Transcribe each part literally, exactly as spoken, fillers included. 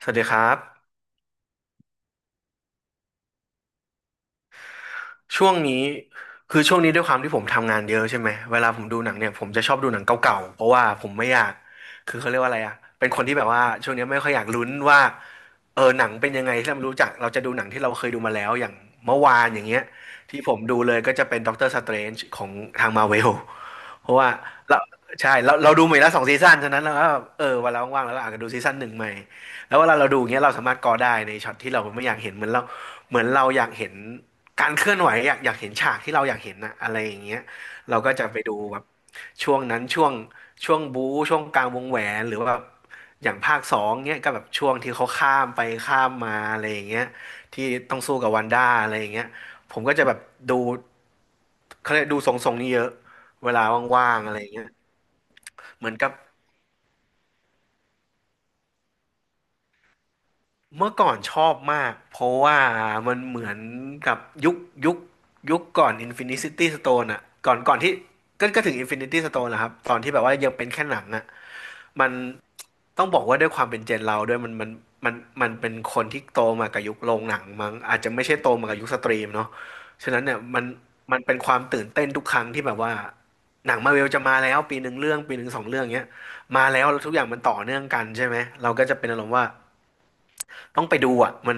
สวัสดีครับช่วงนี้คือช่วงนี้ด้วยความที่ผมทำงานเยอะใช่ไหมเวลาผมดูหนังเนี่ยผมจะชอบดูหนังเก่าๆเพราะว่าผมไม่อยากคือเขาเรียกว่าอะไรอะเป็นคนที่แบบว่าช่วงนี้ไม่ค่อยอยากลุ้นว่าเออหนังเป็นยังไงที่เราไม่รู้จักเราจะดูหนังที่เราเคยดูมาแล้วอย่างเมื่อวานอย่างเงี้ยที่ผมดูเลยก็จะเป็นด็อกเตอร์สเตรนจ์ของทางมาเวล เพราะว่าเราใช่เราเราดูมาแล้วสองซีซั่นฉะนั้นเราก็เออเวันเราว่างๆแล้วเราอาจจะดูซีซั่นหนึ่งใหม่แล้วเวลาเราดูอย่างเงี้ยเราสามารถกอได้ในช็อตที่เราไม่อยากเห็นเหมือนเราเหมือนเราอยากเห็นการเคลื่อนไหวอยากอยากเห็นฉากที่เราอยากเห็นนะอะไรอย่างเงี้ยเราก็จะไปดูแบบช่วงนั้นช่วงช่วงบู๊ช่วงกลางวงแหวนหรือว่าแบบอย่างภาคสองเงี้ยก็แบบช่วงที่เขาข้ามไปข้ามมาอะไรอย่างเงี้ยที่ต้องสู้กับวันด้าอะไรอย่างเงี้ยผมก็จะแบบดู เขาเลยกดูทรงๆนี้เยอะเวลาว่างๆอะไรเงี้ยเหมือนกับเมื่อก่อนชอบมากเพราะว่ามันเหมือนกับยุคยุคยุคก่อน Infinity Stone อะก่อนก่อนที่ก็ก็ถึง Infinity Stone นะครับตอนที่แบบว่ายังเป็นแค่หนังอะมัน ต้องบอกว่าด้วยความเป็นเจนเราด้วยมันมันมันมันเป็นคนที่โตมากับยุคโรงหนังมั้งอาจจะไม่ใช่โตมากับยุคสตรีมเนาะฉะนั้นเนี่ยมันมันเป็นความตื่นเต้นทุกครั้งที่แบบว่าหนังมาเวลจะมาแล้วปีหนึ่งเรื่องปีหนึ่งสองเรื่องเงี้ยมาแล้วแล้วทุกอย่างมันต่อเนื่องกันใช่ไหมเราก็จะเป็นอารมณ์ว่าต้องไปดูอ่ะมัน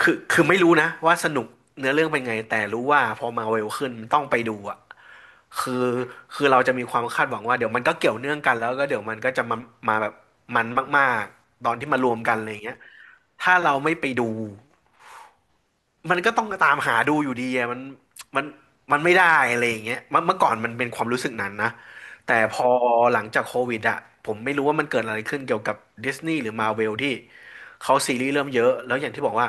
คือคือไม่รู้นะว่าสนุกเนื้อเรื่องเป็นไงแต่รู้ว่าพอมาเวลขึ้นมันต้องไปดูอ่ะ คือคือเราจะมีความคาดหวังว่าเดี๋ยวมันก็เกี่ยวเนื่องกันแล้วก็เดี๋ยวมันก็จะมามาแบบมันมากๆตอนที่มารวมกันอะไรอย่างเงี้ยถ้าเราไม่ไปดูมันก็ต้องตามหาดูอยู่ดีอะมันมันมันไม่ได้อะไรอย่างเงี้ยเมื่อเมื่อก่อนมันเป็นความรู้สึกนั้นนะแต่พอหลังจากโควิดอะผมไม่รู้ว่ามันเกิดอะไรขึ้นเกี่ยวกับดิสนีย์หรือมาเวลที่เขาซีรีส์เริ่มเยอะแล้วอย่างที่บอกว่า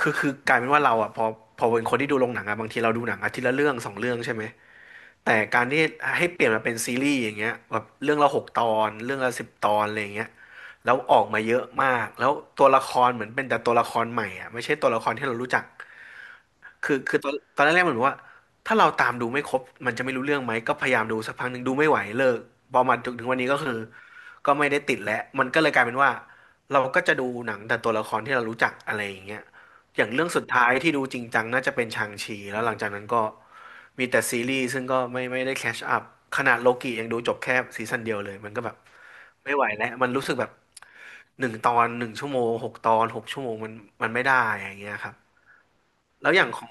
คือคือกลายเป็นว่าเราอะพอพอเป็นคนที่ดูโรงหนังอะบางทีเราดูหนังอาทิตย์ละเรื่องสองเรื่องใช่ไหม แต่การที่ให้เปลี่ยนมาเป็นซีรีส์อย่างเงี้ยแบบเรื่องละหกตอนเรื่องละสิบตอนอะไรอย่างเงี้ยแล้วออกมาเยอะมากแล้วตัวละครเหมือนเป็นแต่ตัวละครใหม่อ่ะไม่ใช่ตัวละครที่เรารู้จัก คือคือตอนตอนแรกๆเหมือนว่าถ้าเราตามดูไม่ครบมันจะไม่รู้เรื่องไหมก็พยายามดูสักพักหนึ่งดูไม่ไหวเลิกพอมาถึงถึงวันนี้ก็คือก็ไม่ได้ติดแล้วมันก็เลยกลายเป็นว่าเราก็จะดูหนังแต่ตัวละครที่เรารู้จักอะไรอย่างเงี้ยอย่างเรื่องสุดท้ายที่ดูจริงจังน่าจะเป็นชางชีแล้วหลังจากนั้นก็มีแต่ซีรีส์ซึ่งก็ไม่ไม่ได้แคชอัพขนาดโลกิยังดูจบแค่ซีซั่นเดียวเลยมันก็แบบไม่ไหวแล้วมันรู้สึกแบบหนึ่งตอนหนึ่งชั่วโมงหกตอนหกชั่วโมงมันมันไม่ได้อย่างเงี้ยครับแล้วอย่างของ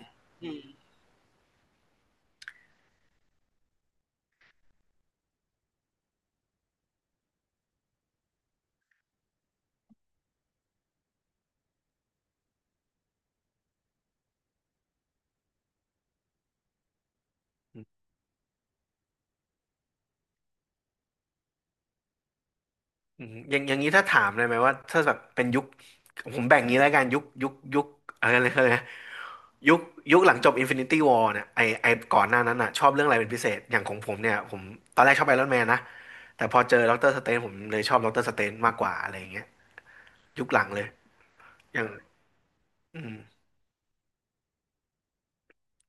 อืมอย่างอย่างนี้ถ้าถามเลยไหมว่าถ้าแบบเป็นยุคผมแบ่งงี้แล้วกันยุคยุคยุคอะไรนะอะไรนะยุคยุคหลังจบ Infinity War เนี่ยไอไอก่อนหน้านั้นอ่ะชอบเรื่องอะไรเป็นพิเศษอย่างของผมเนี่ยผมตอนแรกชอบไอรอนแมนนะแต่พอเจอด็อกเตอร์สเตนผมเลยชอบด็อกเตอร์สเตนมากกว่าอะไรอย่างเงี้ยยุคหลังเลยอย่างอืม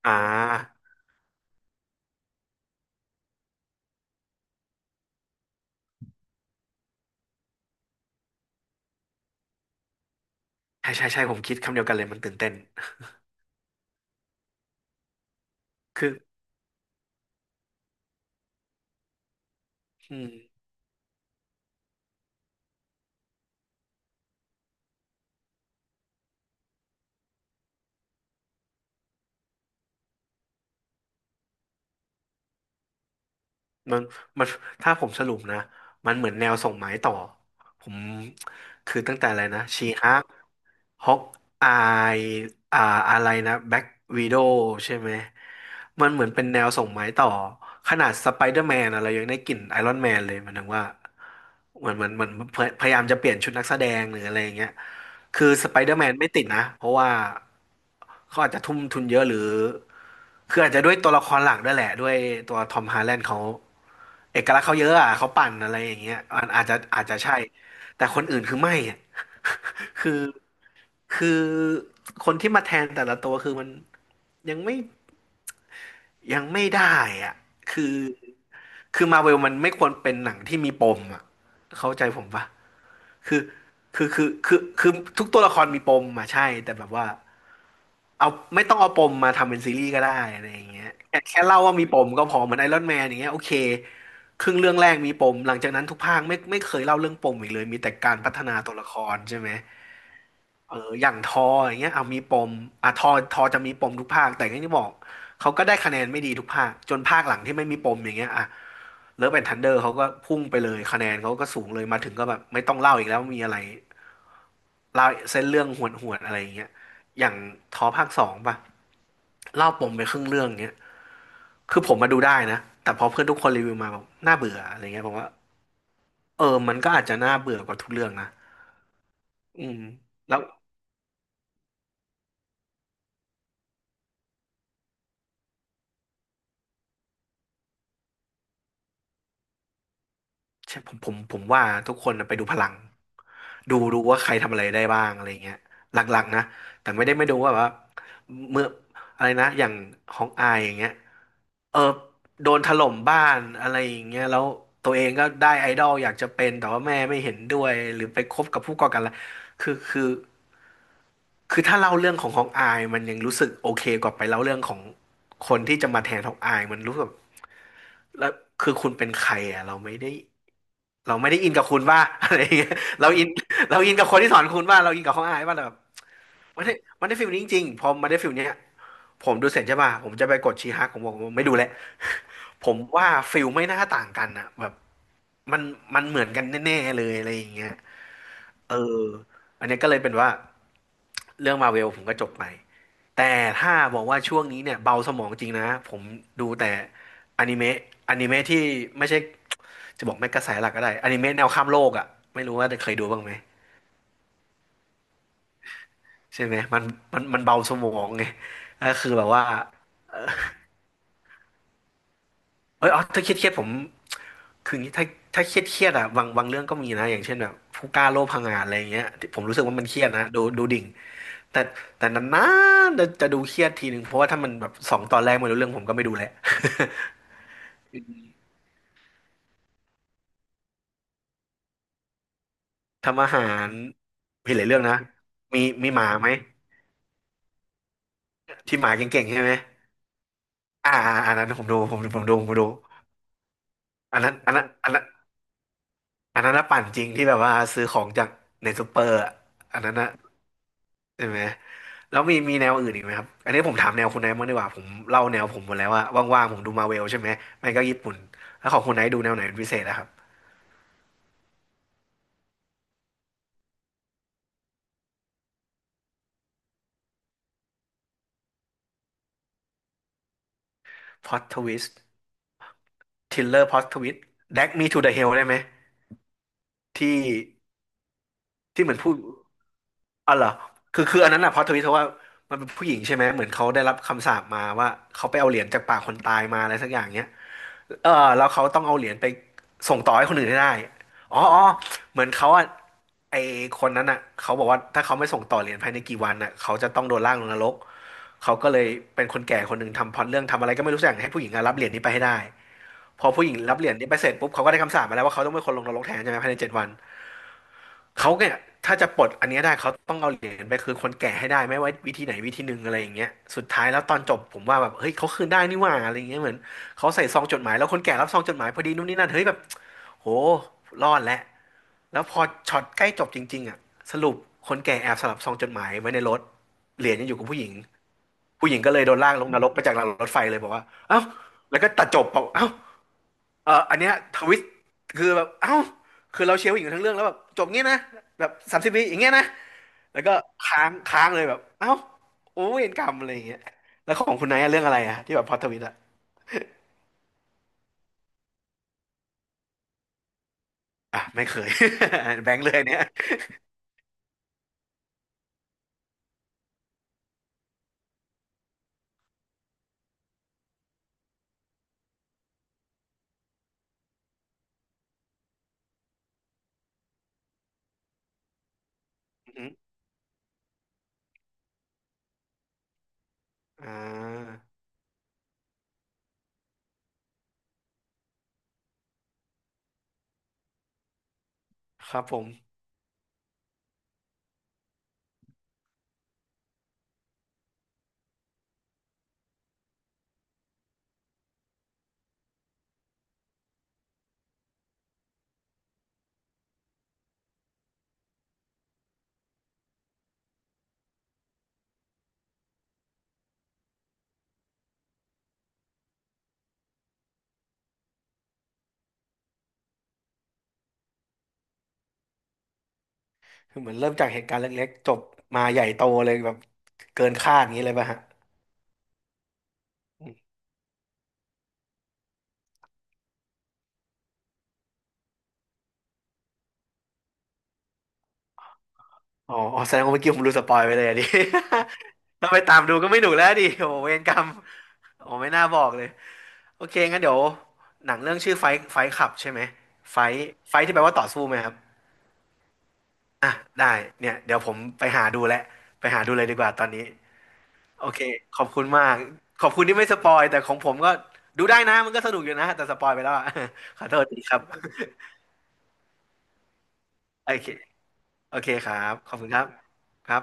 อ่าใช่ใช่ใช่ผมคิดคำเดียวกันเลยมันตื่นเต้นคืออืมมันมันถ้าผมสรุปนะมันเหมือนแนวส่งไม้ต่อผมคือตั้งแต่อะไรนะชีฮั ฮอกอายอ่าอะไรนะแบ็กวีโดใช่ไหมมันเหมือนเป็นแนวส่งไม้ต่อขนาดสไปเดอร์แมนอะเรายังได้กลิ่นไอรอนแมนเลยหมันถึงว่าเหมือนเหมือนเหมือนพยพยายามจะเปลี่ยนชุดนักแสดงหรืออะไรอย่างเงี้ยคือสไปเดอร์แมนไม่ติดนะเพราะว่าเขาอาจจะทุ่มทุนเยอะหรือคืออาจจะด้วยตัวละครหลักด้วยแหละด้วยตัวทอมฮาร์แลนด์เขาเอกลักษณ์เขาเยอะอ่ะเขาปั่นอะไรอย่างเงี้ยอันอาจจะอาจจะใช่แต่คนอื่นคือไม่อะ คือคือคนที่มาแทนแต่ละตัวคือมันยังไม่ยังไม่ได้อ่ะคือคือมาเวลมันไม่ควรเป็นหนังที่มีปมอ่ะเข้าใจผมปะคือคือคือคือคือทุกตัวละครมีปมอ่ะใช่แต่แบบว่าเอาไม่ต้องเอาปมมาทำเป็นซีรีส์ก็ได้อะไรอย่างเงี้ยแค่แค่เล่าว่ามีปมก็พอเหมือนไอรอนแมนอย่างเงี้ยโอเคครึ่งเรื่องแรกมีปมหลังจากนั้นทุกภาคไม่ไม่เคยเล่าเรื่องปมอีกเลยมีแต่การพัฒนาตัวละครใช่ไหม เอออย่างทออย่างเงี้ยเอามีปมอ่ะทอทอจะมีปมทุกภาคแต่อย่างที่บอกเขาก็ได้คะแนนไม่ดีทุกภาคจนภาคหลังที่ไม่มีปมอย่างเงี้ยอ่ะเลิฟแอนทันเดอร์เขาก็พุ่งไปเลยคะแนนเขาก็สูงเลยมาถึงก็แบบไม่ต้องเล่าอีกแล้วมีอะไรเล่าเส้นเรื่องหวดๆอะไรอย่างเงี้ยอย่างทอภาคสองป่ะเล่าปมไปครึ่งเรื่องเงี้ยคือผมมาดูได้นะแต่พอเพื่อนทุกคนรีวิวมาบอกน่าเบื่ออะไรเงี้ยผมว่าเออมันก็อาจจะน่าเบื่อกว่าทุกเรื่องนะอืมแล้วใช่ผมผมผมว่าทุกคนน่ะไปดูพลัง ดูดูว่าใครทำอะไรได้บ้างอะไรเงี้ยหลักๆนะแต่ไม่ได้ไม่ดูว่าแบบว่าเมื่ออะไรนะอย่างของอายอย่างเงี้ยเออโดนถล่มบ้านอะไรอย่างเงี้ยแล้วตัวเองก็ได้ไอดอลอยากจะเป็นแต่ว่าแม่ไม่เห็นด้วยหรือไปคบกับผู้ก่อการร้ายคือคือคือถ้าเล่าเรื่องของของอายมันยังรู้สึกโอเคกว่าไปเล่าเรื่องของคนที่จะมาแทนของอายมันรู้สึกแล้วคือคุณเป็นใครอ่ะเราไม่ได้เราไม่ได้อินกับคุณว่า อะไรอย่างเงี้ยเราอินเราอินกับคนที่สอนคุณว่าเราอินกับของอายว่าแบบ มันได้มันได้ฟิลนี้จริงๆพอมันได้ฟิลเนี้ยผมดูเสร็จใช่ป่ะผมจะไปกดชีฮักผมบอกผมไม่ดูแล้ว ผมว่าฟิลไม่น่าต่างกันอะแบบมันมันเหมือนกันแน่ๆเลยอะไรอย่างเงี้ยเอออันเนี้ยก็เลยเป็นว่าเรื่องมาเวลผมก็จบไปแต่ถ้าบอกว่าช่วงนี้เนี่ยเบาสมองจริงนะผมดูแต่อนิเมะอนิเมะที่ไม่ใช่จะบอกไม่กระแสหลักก็ได้อนิเมะแนวข้ามโลกอะไม่รู้ว่าเคยดูบ้างไหมใช่ไหมมันมันมันเบาสมองไงก็คือแบบว่า เอยอ๋อถ้าเครียดเครียดผมคืออย่างงี้ถ้าถ้าเครียดเครียดอะบางบางเรื่องก็มีนะอย่างเช่นแบบผู้กล้าโลภพังงาดอะไรอย่างเงี้ยที่ผมรู้สึกว่ามันเครียดนะดูดูดิ่งแต่แต่นานๆจะจะดูเครียดทีหนึ่งเพราะว่าถ้ามันแบบสองตอนแรกไม่รู้เรื่องผมก็ไม่ดูแหละ ทำอาหารมีหลายเรื่องนะมีมีหมาไหมที่หมาเก่งๆใช่ไหมอ่าอ่าอันนั้นผมดูผมผมดูผมดูอันนั้นอันนั้นอันนั้นอันนั้นน่ะปั่นจริงที่แบบว่าซื้อของจากในซูเปอร์อะอันนั้นนะ ใช่ไหม แล้วมีมีแนวอื่นอีกไหมครับ อันนี้ผมถามแนวคุณไนท์บ้างดีกว่าผมเล่าแนวผมหมดแล้วว่าว่างๆผมดูมาเวลใช่ไหม ไม่ก็ญี่ปุ่น แล้วของคุณไนท์ดูแนวไหนเป็นพิเศษนะครับพล็อตทวิสต์ทิลเลอร์พล็อตทวิสต์แดกมีทูเดอะเฮลได้ไหมที่ที่เหมือนผู้อ๋อเหรอคือคืออันนั้นอะพล็อตทวิสต์เพราะว่ามันเป็นผู้หญิงใช่ไหม เหมือนเขาได้รับคำสาปมาว่าเขาไปเอาเหรียญจากปากคนตายมาอะไรสักอย่างเนี้ย เออแล้วเขาต้องเอาเหรียญไปส่งต่อให้คนอื่นให้ได้อ๋ออ๋อเหมือนเขาอ่ะไอคนนั้นอ่ะเขาบอกว่าถ้าเขาไม่ส่งต่อเหรียญภายในกี่วันอ่ะเขาจะต้องโดนล่างลงนรกเขาก็เลยเป็นคนแก่คนหนึ่งทำพล็อตเรื่องทำอะไรก็ไม่รู้สักอย่างให้ผู้หญิงอะรับเหรียญนี้ไปให้ได้พอผู้หญิงรับเหรียญนี้ไปเสร็จปุ๊บเขาก็ได้คำสาปมาแล้วว่าเขาต้องเป็นคนลงนรกแทนใช่ไหมภายในเจ็ดวัน เขาเนี่ยถ้าจะปลดอันเนี้ยได้เขาต้องเอาเหรียญไปคืนคนแก่ให้ได้ไม่ว่าวิธีไหนวิธีหนึ่งอะไรอย่างเงี้ยสุดท้ายแล้วตอนจบผมว่าแบบเฮ้ยเขาคืนได้นี่หว่าอะไรอย่างเงี้ยเหมือนเขาใส่ซองจดหมายแล้วคนแก่รับซองจดหมายพอดีนู่นนี่นั่นเฮ้ยแบบโหรอดแล้วแล้วพอช็อตใกล้จบจริงๆอ่ะสรุปคนแก่แอบสลับซองจดหมายไว้ในรถเหรียญยังอยู่กับผู้หญิงผู้หญิงก็เลยโดนลากลงนรกไปจากรางรถไฟเลยบอกว่าเอ้าแล้วก็ตัดจบบอกเอ้าเอออันเนี้ยทวิสต์คือแบบเอ้าคือเราเชียร์ผู้หญิงทั้งเรื่องแล้วแบบจบงี้นะแบบสามสิบวิอย่างเงี้ยนะ แล้วก็ค้างค้างเลยแบบเอ้าโอ้เวรกรรมอะไรอย่างเงี้ยแล้วของคุณไนท์อะเรื่องอะไรอะที่แบบพล็อตทวิสต์อะอ่ะไม่เคย แบงค์เลยเนี่ยอือหืออ่าครับผมคือเหมือนเริ่มจากเหตุการณ์เล็กๆจบมาใหญ่โตเลยแบบเกินคาดอย่างนี้เลยป่ะฮะอมอ๋ออ๋อแสดงว่าเมื่อกี้ผมดูสปอยไปเลยอะดิ ถ้าไปตามดูก็ไม่หนุกแล้วดิโอ้เวรกรรมโอ้ไม่น่าบอกเลยโอเคงั้นเดี๋ยวหนังเรื่องชื่อไฟท์ไฟท์ับใช่ไหมไฟ์ไฟ์ที่แปลว่าต่อสู้ไหมครับ อ่ะได้เนี่ยเดี๋ยวผมไปหาดูแลไปหาดูเลยดีกว่าตอนนี้โอเคขอบคุณมากขอบคุณที่ไม่สปอยแต่ของผมก็ดูได้นะมันก็สนุกอยู่นะแต่สปอยไปแล้วอะ ขอโทษทีครับโอเคโอเคครับขอบคุณครับครับ